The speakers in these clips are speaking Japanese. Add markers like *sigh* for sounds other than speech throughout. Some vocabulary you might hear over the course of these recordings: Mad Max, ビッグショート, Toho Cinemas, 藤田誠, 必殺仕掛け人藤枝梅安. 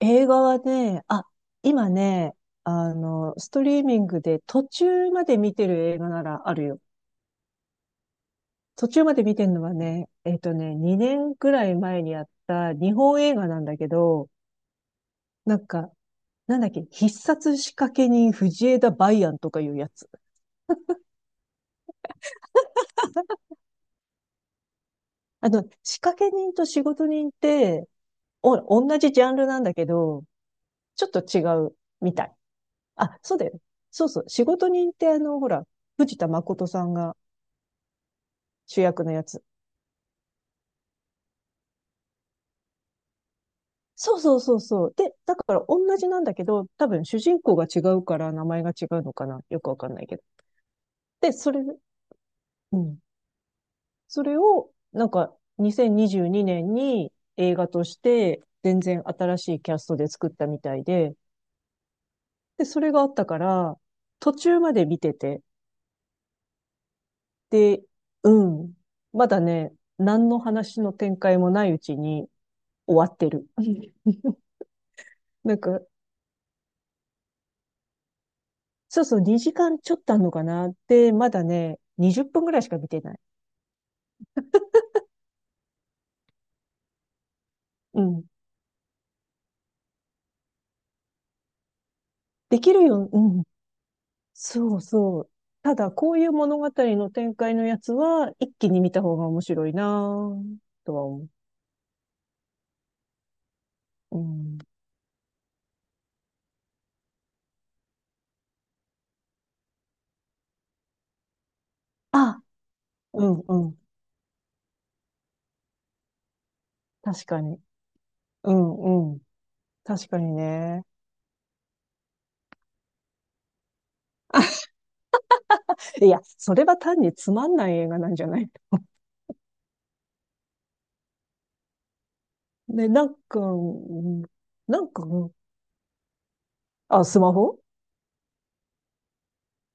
映画はね、あ、今ね、あの、ストリーミングで途中まで見てる映画ならあるよ。途中まで見てるのはね、2年くらい前にやった日本映画なんだけど、なんか、なんだっけ、必殺仕掛け人藤枝梅安とかいうやつ。仕掛け人と仕事人って、同じジャンルなんだけど、ちょっと違うみたい。あ、そうだよね。そうそう。仕事人ってほら、藤田誠さんが主役のやつ。そうそうそうそう。で、だから同じなんだけど、多分主人公が違うから名前が違うのかな。よくわかんないけど。で、それ、うん。それを、なんか、2022年にじゅうにねんに映画として、全然新しいキャストで作ったみたいで、で、それがあったから、途中まで見てて、で、うん。まだね、何の話の展開もないうちに終わってる。*laughs* なんか、そうそう、2時間ちょっとあんのかなって、まだね、20分ぐらいしか見てない。うん。できるよ。うん。そうそう。ただ、こういう物語の展開のやつは、一気に見た方が面白いなぁとは思う。うん。あ、うんうん。確かに。うんうん。確かにね。*laughs* いや、それは単につまんない映画なんじゃない？ね *laughs*、なんか、うん、なんか、うん、あ、スマホ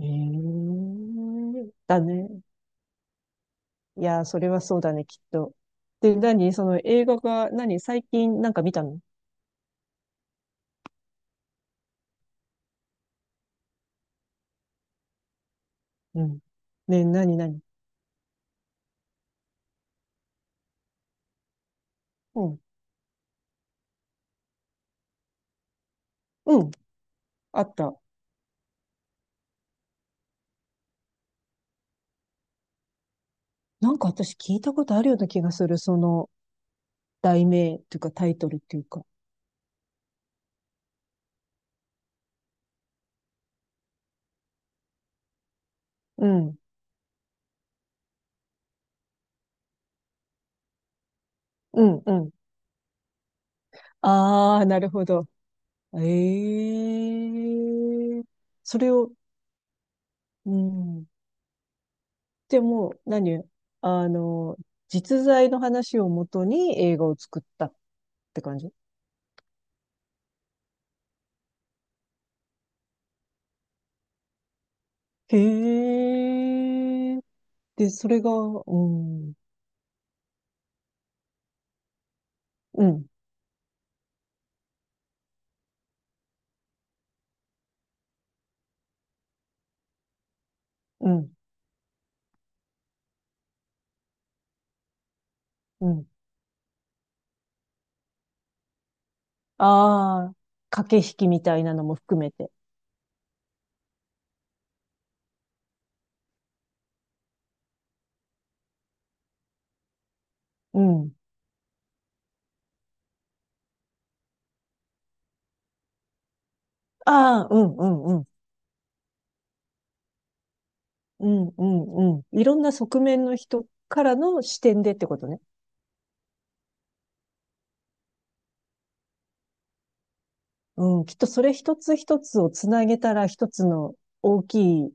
ええーだね。いや、それはそうだね、きっと。で、何？その映画が、何最近なんか見たの？うん。ね、なになに？うん。うん。あった。なんか私聞いたことあるような気がする。その題名というかタイトルっていうか。うん。うん、うん。あー、なるほど。ええ、それを、うん。でも、何？あの、実在の話をもとに映画を作ったって感じ？へえ。で、それが、うん、うん、うん、うん。ああ、駆け引きみたいなのも含めて。うん。ああ、うんうんうん。うんうんうん。いろんな側面の人からの視点でってことね。うん。きっとそれ一つ一つをつなげたら一つの大きい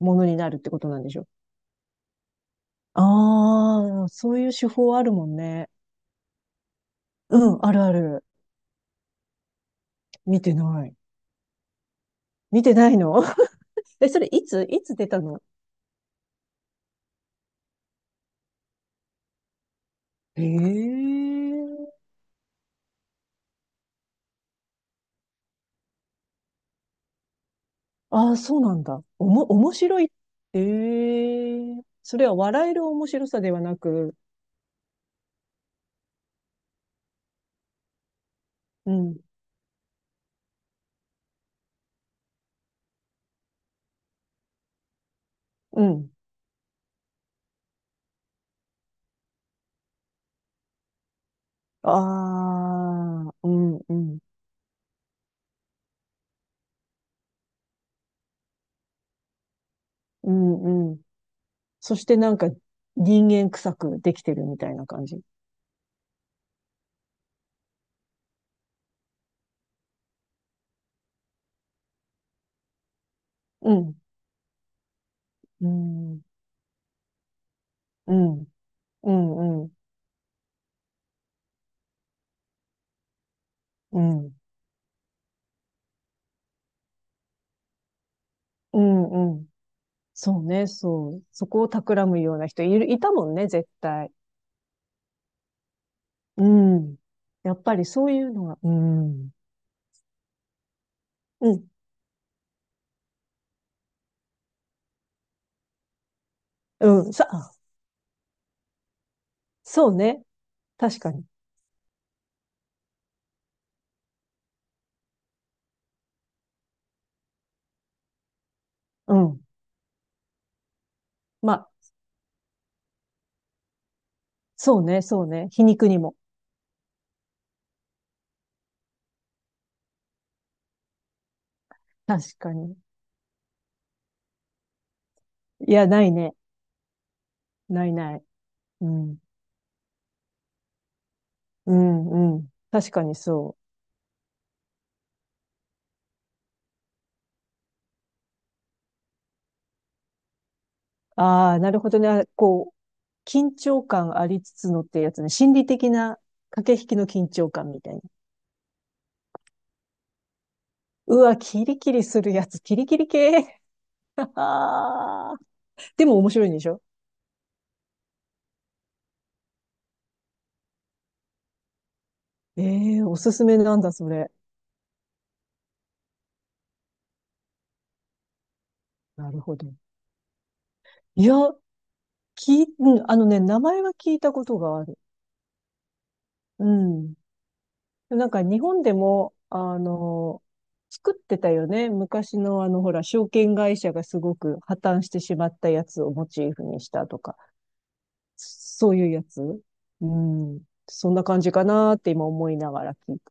ものになるってことなんでしょ？ああ、そういう手法あるもんね。うん、あるある。見てない。見てないの？ *laughs* え、それいついつ出たの？へえ。ああ、そうなんだ。面白い。ええ、それは笑える面白さではなく、うん、うん。ああ、うん、うん、うん、うん。そしてなんか人間臭くできてるみたいな感じ。うん、うん、うん、うん、うん、うん、うん、うん。そうね、そう。そこを企むような人いたもんね、絶対。うん。やっぱりそういうのは、うん、うん、うん、さ、そうね。確かに。うん。まあ、そうね、そうね。皮肉にも。確かに。いや、ないね。ないない。うん。うん、うん。確かにそう。ああ、なるほどね。あ、こう、緊張感ありつつのってやつね。心理的な駆け引きの緊張感みたいな。うわ、キリキリするやつ。キリキリ系。*laughs* あー、でも面白いんでしょ？ええー、おすすめなんだ、それ。なるほど。いや、き、うん、あのね、名前は聞いたことがある。うん。なんか日本でも、作ってたよね。昔のあの、ほら、証券会社がすごく破綻してしまったやつをモチーフにしたとか、そういうやつ。うん。そんな感じかなって今思いながら聞いて。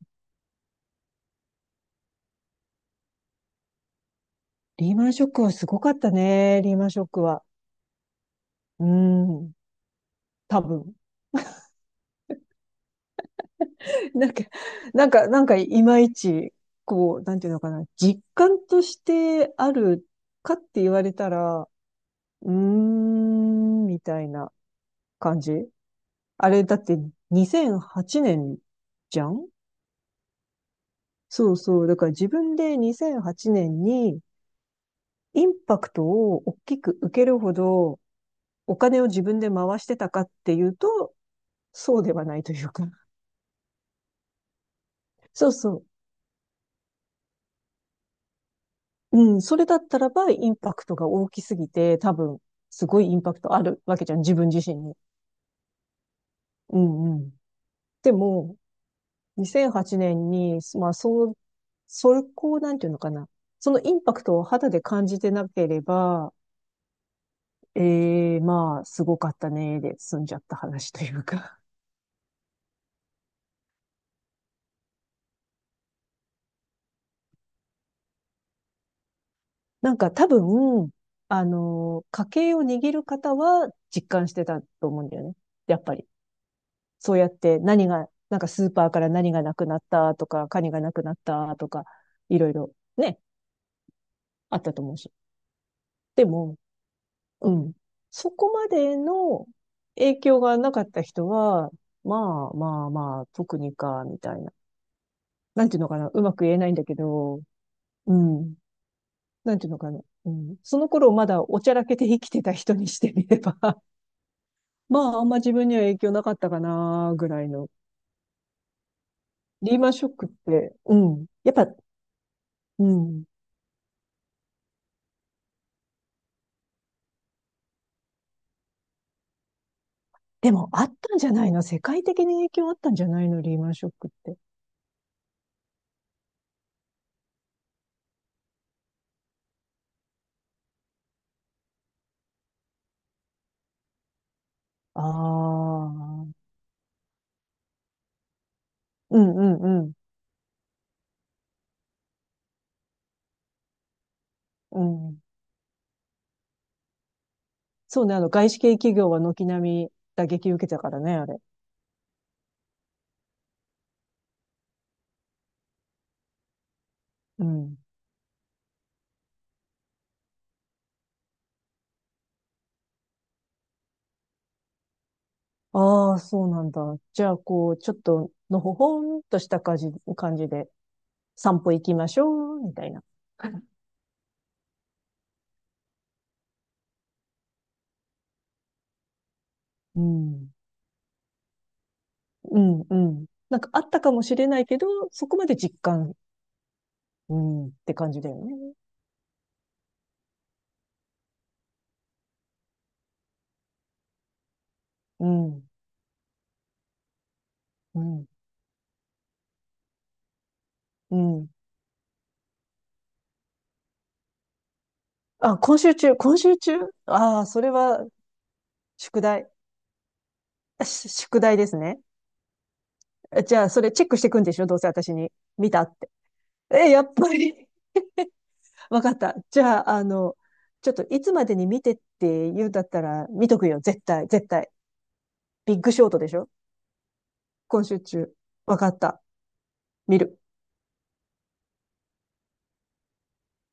リーマンショックはすごかったね。リーマンショックは。うん。多分。*laughs* なんか、なんか、いまいち、こう、なんていうのかな。実感としてあるかって言われたら、うーん、みたいな。感じ。あれ、だって2008年じゃん。そうそう。だから自分で2008年にインパクトを大きく受けるほどお金を自分で回してたかっていうと、そうではないというか。*laughs* そうそう。うん。それだったらばインパクトが大きすぎて、多分、すごいインパクトあるわけじゃん。自分自身に。うんうん。でも、2008年に、まあ、そう、そこを、なんていうのかな。そのインパクトを肌で感じてなければ、ええ、まあ、すごかったね、で済んじゃった話というか。*laughs* なんか多分、家計を握る方は実感してたと思うんだよね。やっぱり。そうやって何が、なんかスーパーから何がなくなったとか、カニがなくなったとか、いろいろね、あったと思うし。でも、うん。そこまでの影響がなかった人は、まあまあまあ、特にか、みたいな。なんていうのかな。うまく言えないんだけど、うん。なんていうのかな。うん。その頃まだおちゃらけて生きてた人にしてみれば、*laughs* まああんま自分には影響なかったかな、ぐらいの。リーマンショックって、うん。やっぱ、うん。でもあったんじゃないの？世界的に影響あったんじゃないの、リーマンショックって。ああ。うんうんうん。うん。そうね、外資系企業は軒並み打撃受けたからね、あれ。うん。ああ、そうなんだ。じゃあ、こう、ちょっと、のほほんとした感じで、散歩行きましょう、みたいな。うん。うん、うん。なんかあったかもしれないけど、そこまで実感、うん、って感じだよね。うん、うん、うん。あ、今週中、今週中、ああー、それは、宿題。あし宿題ですね。え、じゃあ、それチェックしていくんでしょ？どうせ私に。見たって。え、やっぱり。わかった。じゃあ、あの、ちょっといつまでに見てって言うんだったら見とくよ。絶対、絶対。ビッグショートでしょ？今週中。わかった。見る。